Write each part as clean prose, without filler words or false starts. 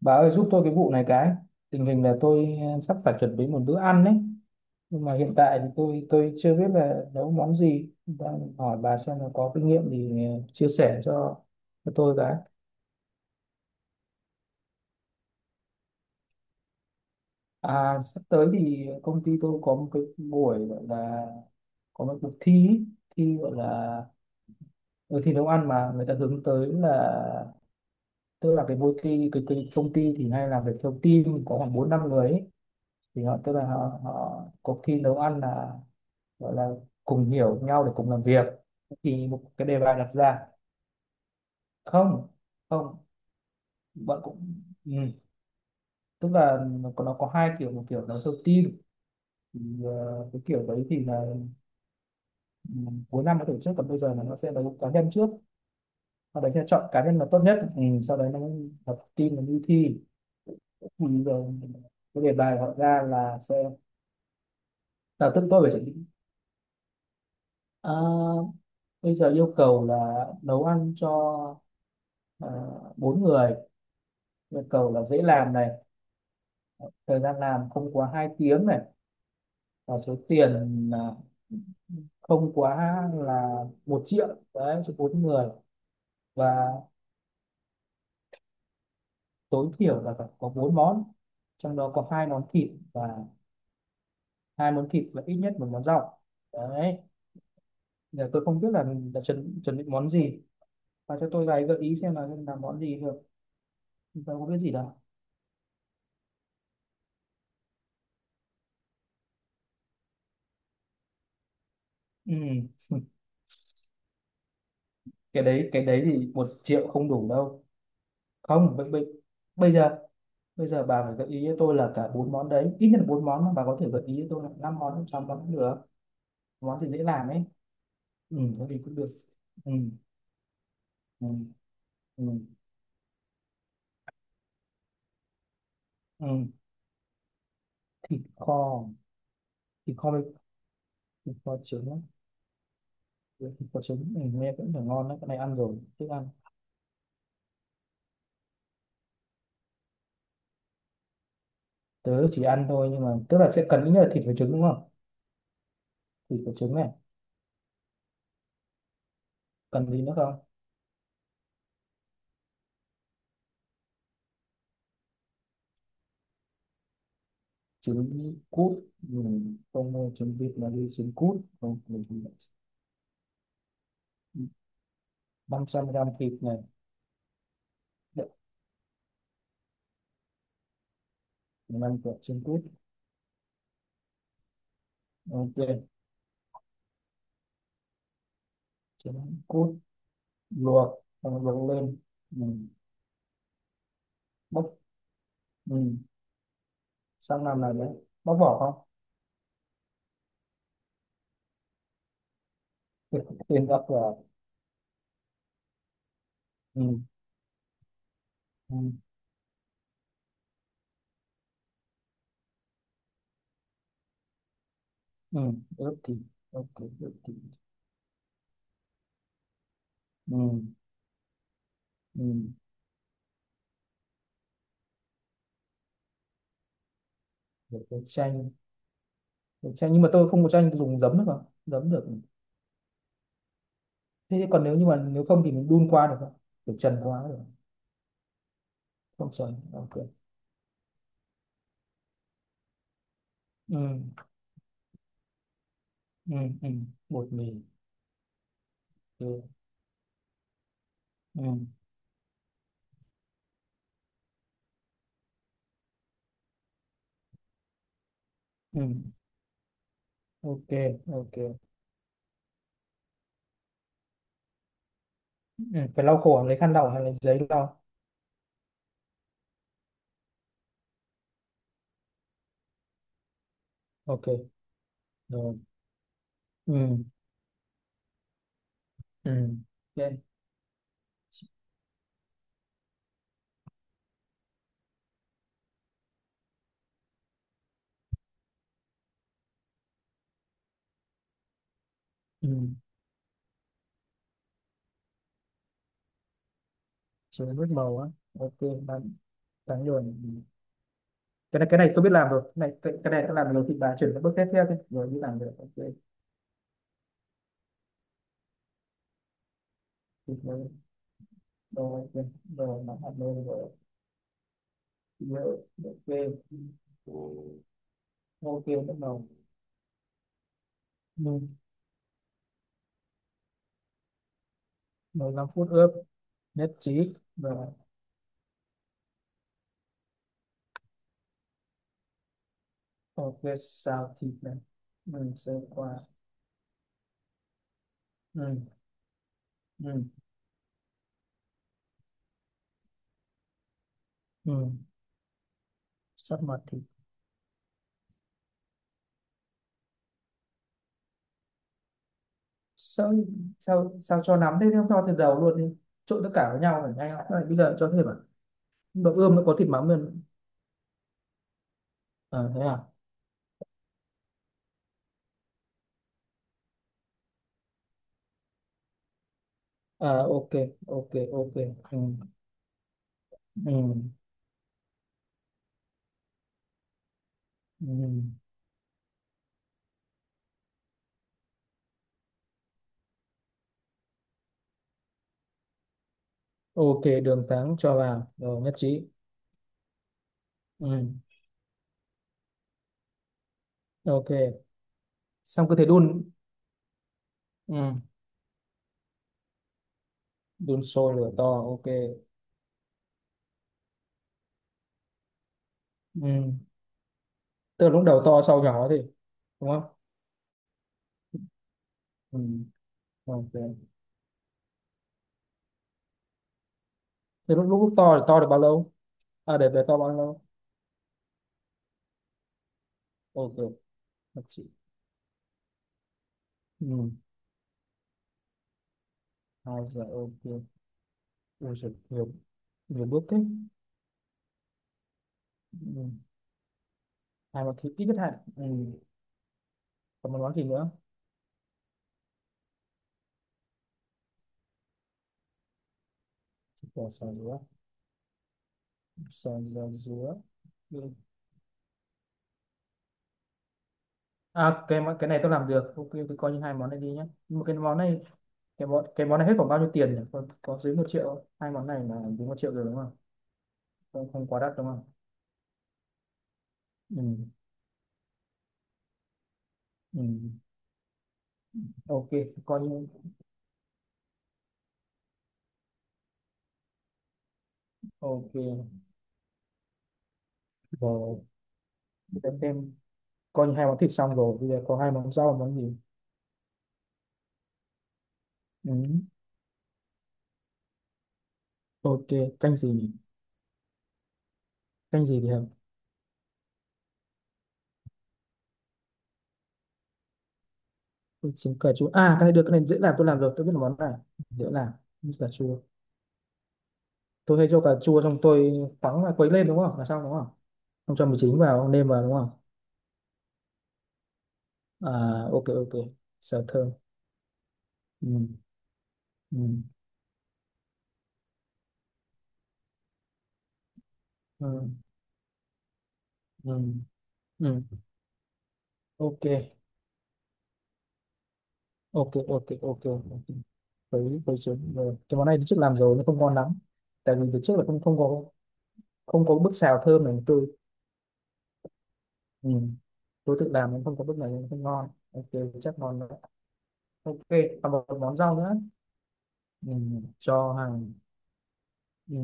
Bà ơi giúp tôi cái vụ này cái tình hình là tôi sắp phải chuẩn bị một bữa ăn đấy. Nhưng mà hiện tại thì tôi chưa biết là nấu món gì, đang hỏi bà xem là có kinh nghiệm thì chia sẻ cho tôi cái. À, sắp tới thì công ty tôi có một cái buổi gọi là, có một cuộc thi ý. Thi gọi là, ừ, thi nấu ăn mà người ta hướng tới là, tức là cái môi thi cái công ty thì hay làm việc theo team có khoảng bốn năm người ấy. Thì họ tức là họ cuộc thi nấu ăn là gọi là cùng hiểu nhau để cùng làm việc. Thì một cái đề bài đặt ra, không, không, bạn cũng, ừ. Tức là nó có hai kiểu, một kiểu đấu sâu team thì, cái kiểu đấy thì là, ừ, cuối năm nó tổ chức, còn bây giờ là nó sẽ đấu cá nhân trước, sau đấy sẽ chọn cá nhân là tốt nhất, ừ, sau đấy nó tập lập team nó đi thi. Thì giờ cái đề bài họ ra là sẽ là tự tôi phải chuẩn bị. À, bây giờ yêu cầu là nấu ăn cho, à, bốn người, yêu cầu là dễ làm này, thời gian làm không quá 2 tiếng này, và số tiền, không quá là một triệu, đấy, cho bốn người. Và tối thiểu là phải có bốn món, trong đó có hai món thịt và, hai món thịt và ít nhất một món rau, đấy. Giờ tôi không biết là mình đã chuẩn chuẩn bị món gì, và cho tôi vài gợi ý xem là làm món gì được. Tôi không biết gì đâu. Ừ. Cái đấy thì một triệu không đủ đâu. Không, bây bây bây giờ, bây giờ bà phải gợi ý cho tôi là cả bốn món đấy, ít nhất là bốn món, mà bà có thể gợi ý cho tôi là năm món, sáu món cũng được, món gì dễ làm ấy. Ừ, thế thì cũng được. Ừ, ừ, ừ, ừ. Thịt kho, thịt kho với, thịt kho trứng, á. Với thịt kho trứng, ừ, nghe cũng là ngon đấy, cái này ăn rồi, thích ăn. Tớ chỉ ăn thôi, nhưng mà tức là sẽ cần ít nhất là thịt với trứng đúng không? Thịt với trứng này, cần gì nữa không? Trứng cút, ừ, không mua trứng vịt mà đi trứng cút, không, 500 gram thịt này, 5 quả trứng cút, ok. Trứng cút luộc xong, luộc lên mình bóc, ừ, sang làm này đấy. Bóc vỏ không? Thịt thịt gặp là, ừ. Ừ. Ừ. Ướp thịt, ok, ướp thịt, ừ. Ừ. Được cái chanh, được chanh, nhưng mà tôi không có chanh, tôi dùng giấm được không? Giấm được thế, thì còn nếu như mà nếu không thì mình đun qua được không, kiểu trần qua được không? Trần, ok. Ừ. Ừ. Ừ. Bột mì. Ừ. Ừ. Ừ. Ok, ok. Ừ. Phải lau khổ, lấy khăn lau hay lấy giấy lau? Ok. Rồi. Ừ. Ừ. Ok. Ừ. Chỉ nước màu á. Ok. bán bán rồi. Ừ. Cái này cái này tôi biết làm rồi, cái này tôi làm rồi, thì bà chuyển cái bước tiếp theo thôi, rồi đi làm được, ok. Thịt nướng, rồi ok, rồi nó hạt nướng rồi. Thịt nướng, ok, ok, nước màu. Ừ. 15 phút ướp, nhất trí rồi, ok. Xào thịt này, mình sẽ qua. Ừ. Ừ. Ừ. Sắp mặt thịt. Sao sao sao cho nắm thế, không cho từ đầu luôn đi, trộn tất cả với nhau phải nhanh, không bây giờ cho thêm à, đậu ươm nó có thịt mắm luôn. À, thế à? À, ok, ok, ok. Ừ. Ừ. Ừ. Ok, đường trắng cho vào rồi, nhất trí. Ừ. Ok, xong cứ thế đun. Ừ. Đun sôi lửa to, ok. Ừ. Tức là lúc đầu to sau nhỏ thì đúng không? Ừ. Ok. Thế lúc to thì to được bao lâu, để to bao lâu? Ok, nhất trí. Ừ. Hai giờ, ok. Ui giời, nhiều, nhiều bước thế. Ừ. À mà thì ít nhất hạn, ừ. Còn một món gì nữa? Bỏ sò dứa, sò dừa dứa. Ừ. À cái món- cái này tôi làm được, ok, tôi coi như hai món này đi nhé. Nhưng mà cái món này, cái món này hết khoảng bao nhiêu tiền nhỉ, có dưới một triệu không? Hai món này là dưới một triệu rồi đúng không? Không, không quá đắt đúng không? Ừ. Ừ. Ok, coi như, ok, rồi để xem. Coi như hai món thịt xong rồi, bây giờ có hai món rau món gì? Ừ. Ok. Canh gì nhỉ? Canh gì thì hợp? Tôi chấm cà chua à, cái này được, cái này dễ làm, tôi làm rồi, tôi biết là món này dễ làm. Như cà chua, tôi hay cho cà chua xong tôi khoắng là quấy lên đúng không là xong đúng không, không cho mì chính vào nêm vào đúng không? À, ok, ok. Xào thơm, ừ, ừ, ừ, ừ. Ừ. Ok, ok, ok, ok, ok. Quấy quấy xuống rồi. Cái món này tôi trước làm rồi nó không ngon lắm, tại vì từ trước là không không có, không có bước xào thơm này tôi, ừ, tôi tự làm nên không có bước này nên không ngon, ok, chắc ngon nữa, ok. Còn một món rau nữa. Ừ. Cho hàng. Ừ.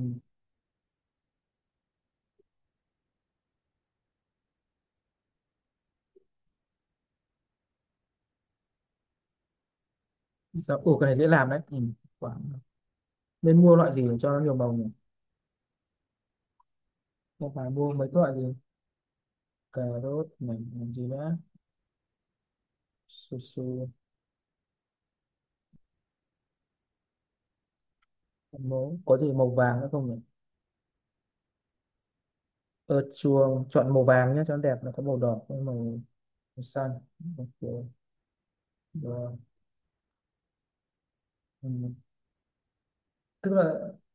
Sao ủa, cái này dễ làm đấy. Ừ. Quả, nên mua loại gì để cho nó nhiều màu nhỉ, không phải mua mấy cái loại gì? Cà rốt này, làm gì nữa? Su su. Mố có gì màu vàng nữa không nhỉ? Ớt chuông chọn màu vàng nhé, cho nó đẹp, nó có màu đỏ có màu xanh. Ok, rồi. Ừ. Tức là,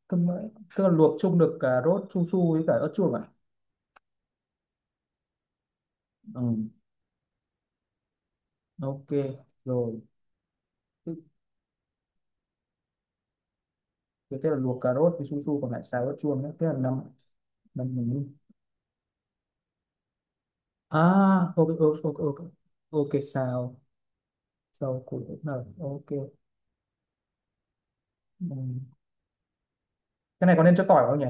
tức là, tức là luộc chung được cà rốt su su với cả ớt chuông à? Ừ. Ok, rồi. Tức- thế tức là luộc cà rốt với su su còn lại xào ớt chuông nữa thế là năm, năm mình. À, ok, ok, ok, ok, ok, xào, xào củ hỗn hợp, ok. Ừ. Cái này có nên cho tỏi không nhỉ?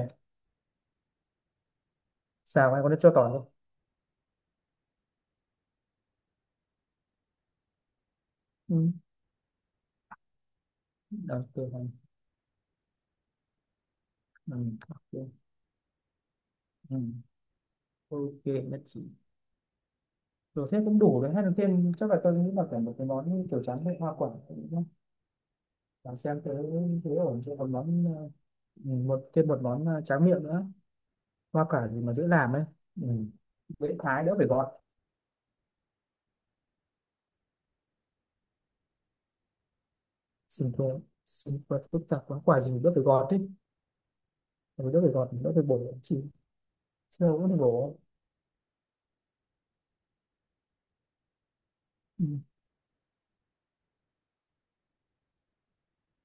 Xào này có nên cho tỏi không? Ừ. Ok, này. Ừ. Ok, ừ, ok, nhất trí. Rồi thế cũng đủ đấy, hay là thêm, chắc là tôi nghĩ là phải một cái món như kiểu tráng miệng hoa quả đúng. Và xem thế, thế ổn cho, còn món ừ, một món tráng miệng nữa, hoa quả gì mà dễ làm ấy. Ừ. Dễ thái đỡ phải gọt. Xin thưa, xin phép phức tạp quá, quả gì mà đỡ phải gọt ý, rồi đỡ phải gọt đỡ phải bổ chỉ, chưa có phải bổ. Ừ.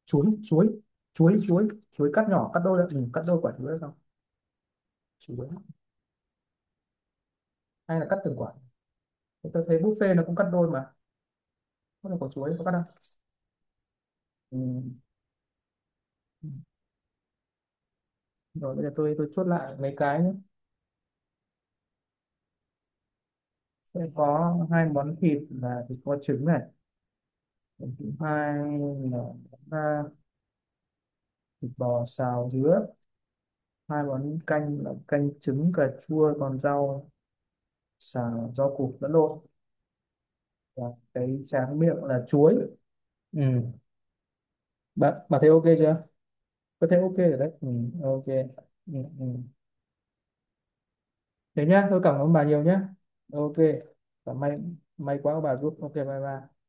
chuối chuối chuối chuối chuối. Cắt nhỏ cắt đôi lại, ừ, cắt đôi quả chuối ra xong. Chuối hay là cắt từng quả? Tôi thấy buffet nó cũng cắt đôi mà, có là quả chuối có cắt đâu. Ừ. Ừ. Rồi bây giờ tôi chốt lại mấy cái nhé. Sẽ có hai món thịt là thịt kho trứng này, món thứ hai là, à, thịt bò xào dứa. Hai món canh là canh trứng cà chua, còn rau xào rau củ lẫn lộn, và cái tráng miệng là chuối. Ừ. bạn bạn thấy ok chưa? Có thấy ok rồi đấy, ừ, ok, ừ, ừ. Thế nhá, tôi cảm ơn bà nhiều nhá. Ok, và may, may quá bà giúp, ok, bye bye.